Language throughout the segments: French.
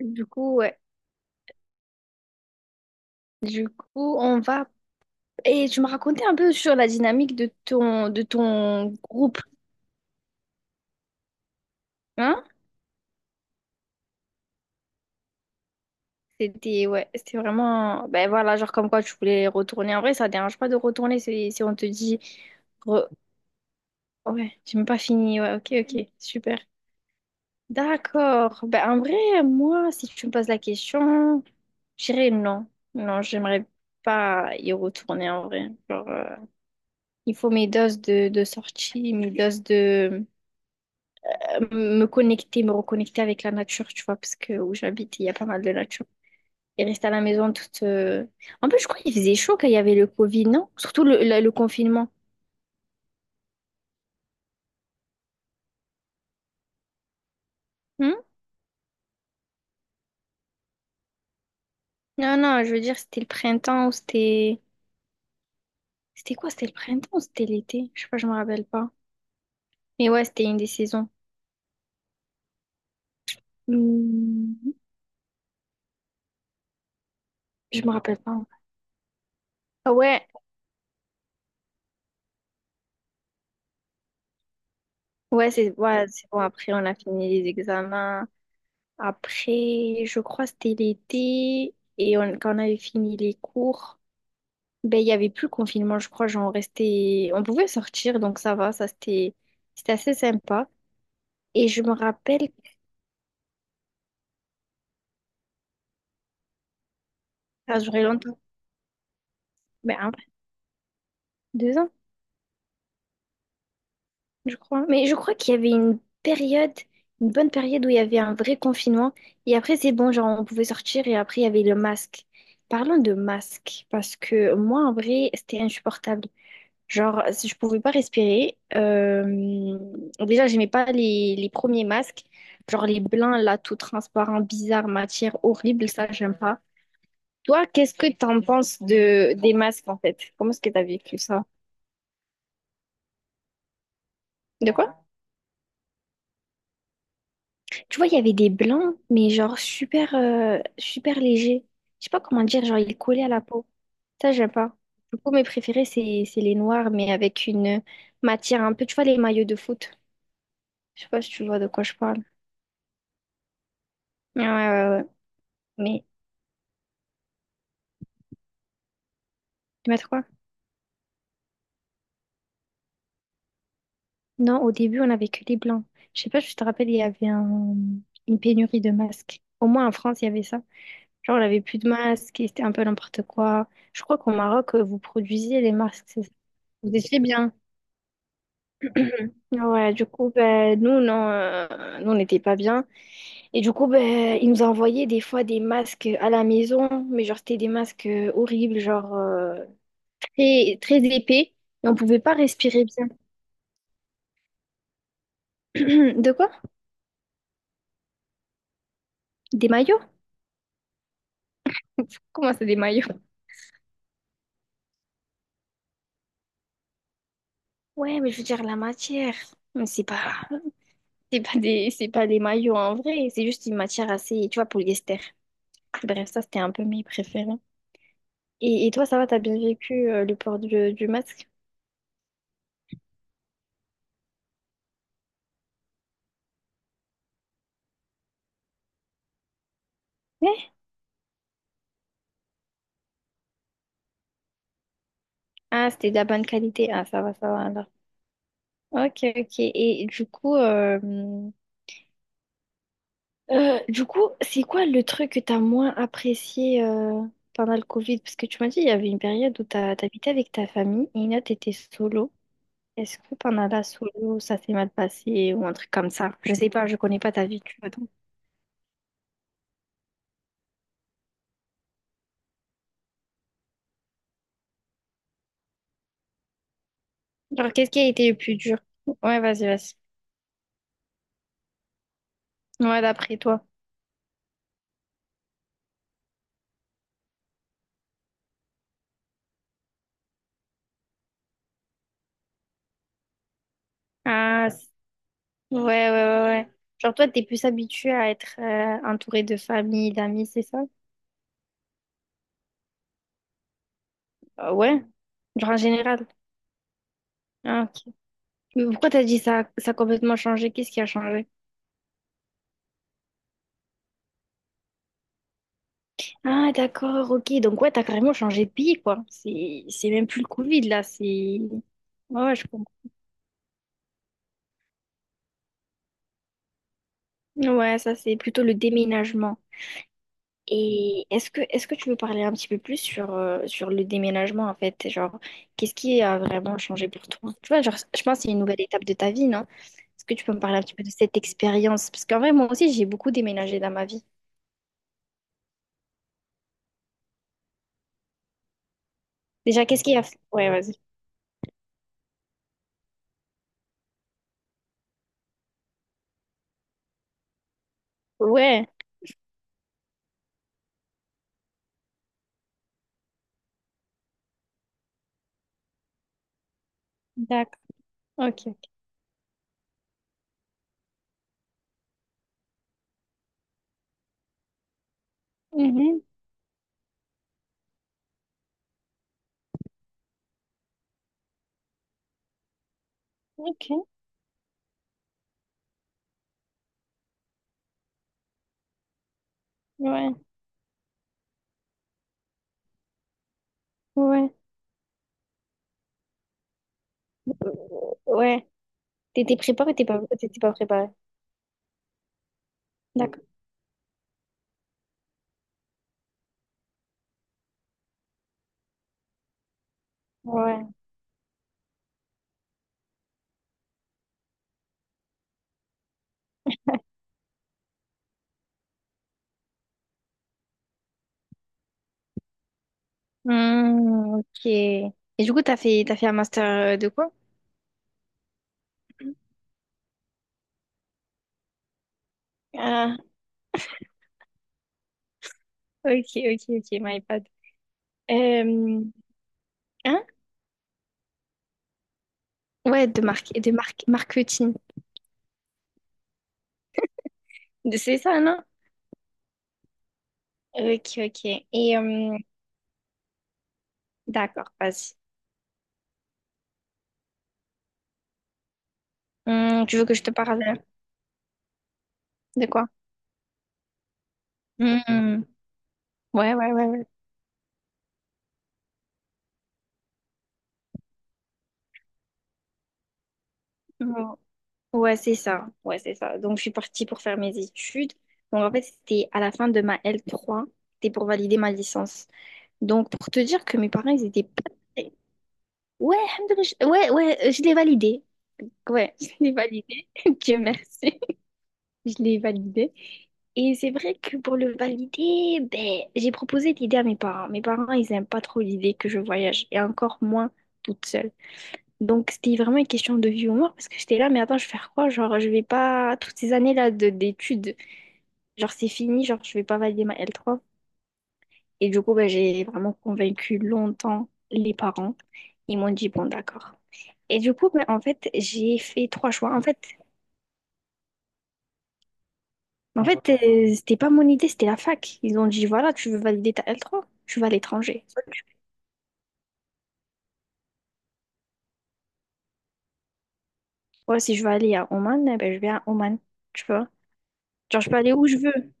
Du coup, ouais. Du coup, on va... Et tu me racontais un peu sur la dynamique de ton groupe, hein? Ouais, c'était vraiment... Ben voilà, genre comme quoi tu voulais retourner. En vrai, ça dérange pas de retourner si on te dit... re- Ouais, j'ai même pas fini. Ouais, ok, ok, super. D'accord. Ben en vrai, moi, si tu me poses la question, je dirais non. Non, j'aimerais pas y retourner en vrai. Genre, il faut mes doses de sortie, mes doses de... me connecter, me reconnecter avec la nature, tu vois, parce que où j'habite, il y a pas mal de nature. Et rester à la maison toute... En plus, je crois qu'il faisait chaud quand il y avait le Covid, non? Surtout le confinement. Hmm. Non, non, je veux dire, c'était le printemps ou c'était... C'était quoi? C'était le printemps ou c'était l'été? Je sais pas, je me rappelle pas. Mais ouais, c'était une des saisons. Hmm. Je me rappelle pas. Ah ouais, ouais, c'est bon. Après, on a fini les examens. Après, je crois, c'était l'été. Quand on avait fini les cours. Ben, il n'y avait plus le confinement, je crois. Genre, on restait... On pouvait sortir, donc ça va. Ça, c'était... C'était assez sympa. Et je me rappelle que ça a duré longtemps. Ben, 2 ans, je crois. Mais je crois qu'il y avait une période, une bonne période où il y avait un vrai confinement. Et après, c'est bon, genre, on pouvait sortir. Et après, il y avait le masque. Parlons de masque, parce que moi, en vrai, c'était insupportable. Genre, si je pouvais pas respirer, déjà, j'aimais pas les premiers masques, genre les blancs, là, tout transparent, bizarre, matière horrible, ça, j'aime pas. Toi, qu'est-ce que t'en penses de, des masques, en fait? Comment est-ce que t'as vécu ça? De quoi? Tu vois, il y avait des blancs, mais genre super, super légers. Je sais pas comment dire, genre, ils collaient à la peau. Ça, j'aime pas. Du coup, mes préférés, c'est les noirs, mais avec une matière un peu, tu vois, les maillots de foot. Je sais pas si tu vois de quoi je parle. Ouais, ouais, ouais. Ouais. Il y en Non, au début, on avait que les blancs. Je sais pas si tu te rappelle, il y avait une pénurie de masques. Au moins en France, il y avait ça. Genre, on avait plus de masques et c'était un peu n'importe quoi. Je crois qu'au Maroc, vous produisiez les masques, c'est ça? Vous étiez bien. Ouais, du coup, ben, nous, non, nous, on n'était pas bien. Et du coup, ben, ils nous envoyaient des fois des masques à la maison, mais genre, c'était des masques horribles, genre très, très épais, et on pouvait pas respirer bien. De quoi? Des maillots? Comment ça, des maillots? Ouais, mais je veux dire la matière. Mais c'est pas des maillots en vrai. C'est juste une matière assez, tu vois, polyester. Bref, ça, c'était un peu mes préférés. Et toi, ça va, t'as bien vécu le port du masque? Ouais. Ah, c'était de la bonne qualité. Ah, ça va alors. Ok, ok. Et du coup, c'est quoi le truc que t'as moins apprécié pendant le Covid? Parce que tu m'as dit, il y avait une période où t'habitais avec ta famille et une autre, t'étais solo. Est-ce que pendant la solo, ça s'est mal passé ou un truc comme ça? Je sais pas, je connais pas ta vie, tu vois. Donc... Genre, qu'est-ce qui a été le plus dur? Ouais, vas-y, vas-y. Ouais, d'après toi. Ah, ouais, ouais, ouais, ouais. Genre, toi, t'es plus habitué à être entouré de famille, d'amis, c'est ça? Ouais. Genre, en général. Ah, ok. Mais pourquoi t'as dit ça, ça a complètement changé? Qu'est-ce qui a changé? Ah, d'accord, ok. Donc, ouais, t'as carrément changé de pays, quoi. C'est même plus le Covid, là. C'est... Ouais, ouais, je comprends. Ouais, ça, c'est plutôt le déménagement. Et est-ce que tu veux parler un petit peu plus sur le déménagement en fait? Genre, qu'est-ce qui a vraiment changé pour toi? Tu vois, genre, je pense que c'est une nouvelle étape de ta vie, non? Est-ce que tu peux me parler un petit peu de cette expérience? Parce qu'en vrai, moi aussi, j'ai beaucoup déménagé dans ma vie. Déjà, qu'est-ce qui a fait? Ouais, vas-y. Ouais, d'accord. Ok. Ok. Mhm. Ok. Ouais. Ouais. Ouais. T'étais préparé ou t'étais pas préparé? D'accord. Ouais. Hmm, ok. Et du coup, t'as fait un master de quoi? Ok, ok, ok, my bad. Euh, hein? Ouais, de marque, marketing. C'est ça, non? Ok, ok. Et d'accord, vas-y. Tu veux que je te parle de quoi? Hum. Ouais, ouais, ouais, ouais. Hum. Ouais, c'est ça. Ouais, c'est ça. Donc, je suis partie pour faire mes études. Donc, en fait, c'était à la fin de ma L3. C'était pour valider ma licence. Donc, pour te dire que mes parents, ils étaient pas... très- Ouais, alhamdoulilah, ouais, ouais, je l'ai validé. Ouais, je l'ai validé. Dieu merci. Je l'ai validé. Et c'est vrai que pour le valider, ben, j'ai proposé l'idée à mes parents. Mes parents, ils n'aiment pas trop l'idée que je voyage, et encore moins toute seule. Donc, c'était vraiment une question de vie ou mort, parce que j'étais là, mais attends, je vais faire quoi? Genre, je vais pas... Toutes ces années-là d'études, genre, c'est fini, genre, je vais pas valider ma L3. Et du coup, ben, j'ai vraiment convaincu longtemps les parents. Ils m'ont dit, bon, d'accord. Et du coup, ben, en fait, j'ai fait trois choix. En fait, en fait, c'était pas mon idée, c'était la fac. Ils ont dit, voilà, tu veux valider ta L3, tu vas à l'étranger. Moi, si je veux aller à Oman, eh ben, je vais à Oman, tu vois. Genre, je peux aller où je veux.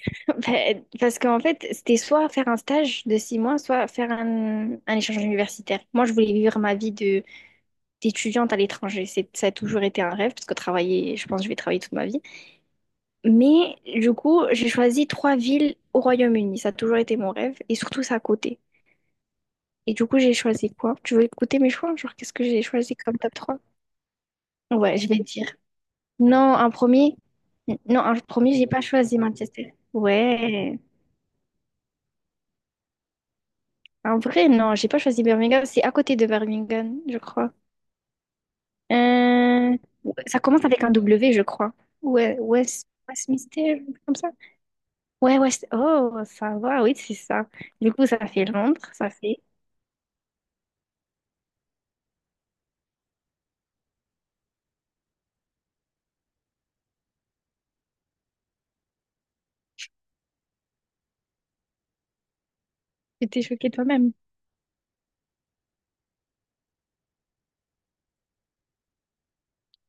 Ben, parce qu'en fait, c'était soit faire un stage de 6 mois, soit faire un échange universitaire. Moi, je voulais vivre ma vie de d'étudiante à l'étranger. C'est, ça a toujours été un rêve, parce que travailler, je pense que je vais travailler toute ma vie. Mais du coup, j'ai choisi trois villes au Royaume-Uni. Ça a toujours été mon rêve, et surtout, c'est à côté. Et du coup, j'ai choisi quoi? Tu veux écouter mes choix? Genre, qu'est-ce que j'ai choisi comme top trois? Ouais, je vais te dire. Non, un premier. Non, un premier, j'ai pas choisi Manchester. Ouais. En vrai, non, j'ai pas choisi Birmingham. C'est à côté de Birmingham, je crois. Euh, ouais, ça commence avec un W, je crois. Ouais, West... Westminster, comme ça. Ouais, West... Oh, ça va, oui, c'est ça. Du coup, ça fait Londres, ça fait... Tu t'es choquée toi-même.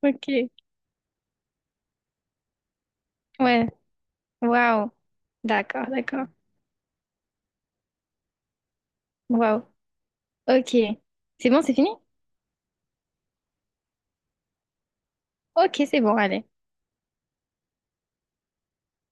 Ok. Ouais, waouh. D'accord, d'accord. Waouh. Ok. C'est bon, c'est fini? Ok, c'est bon, allez.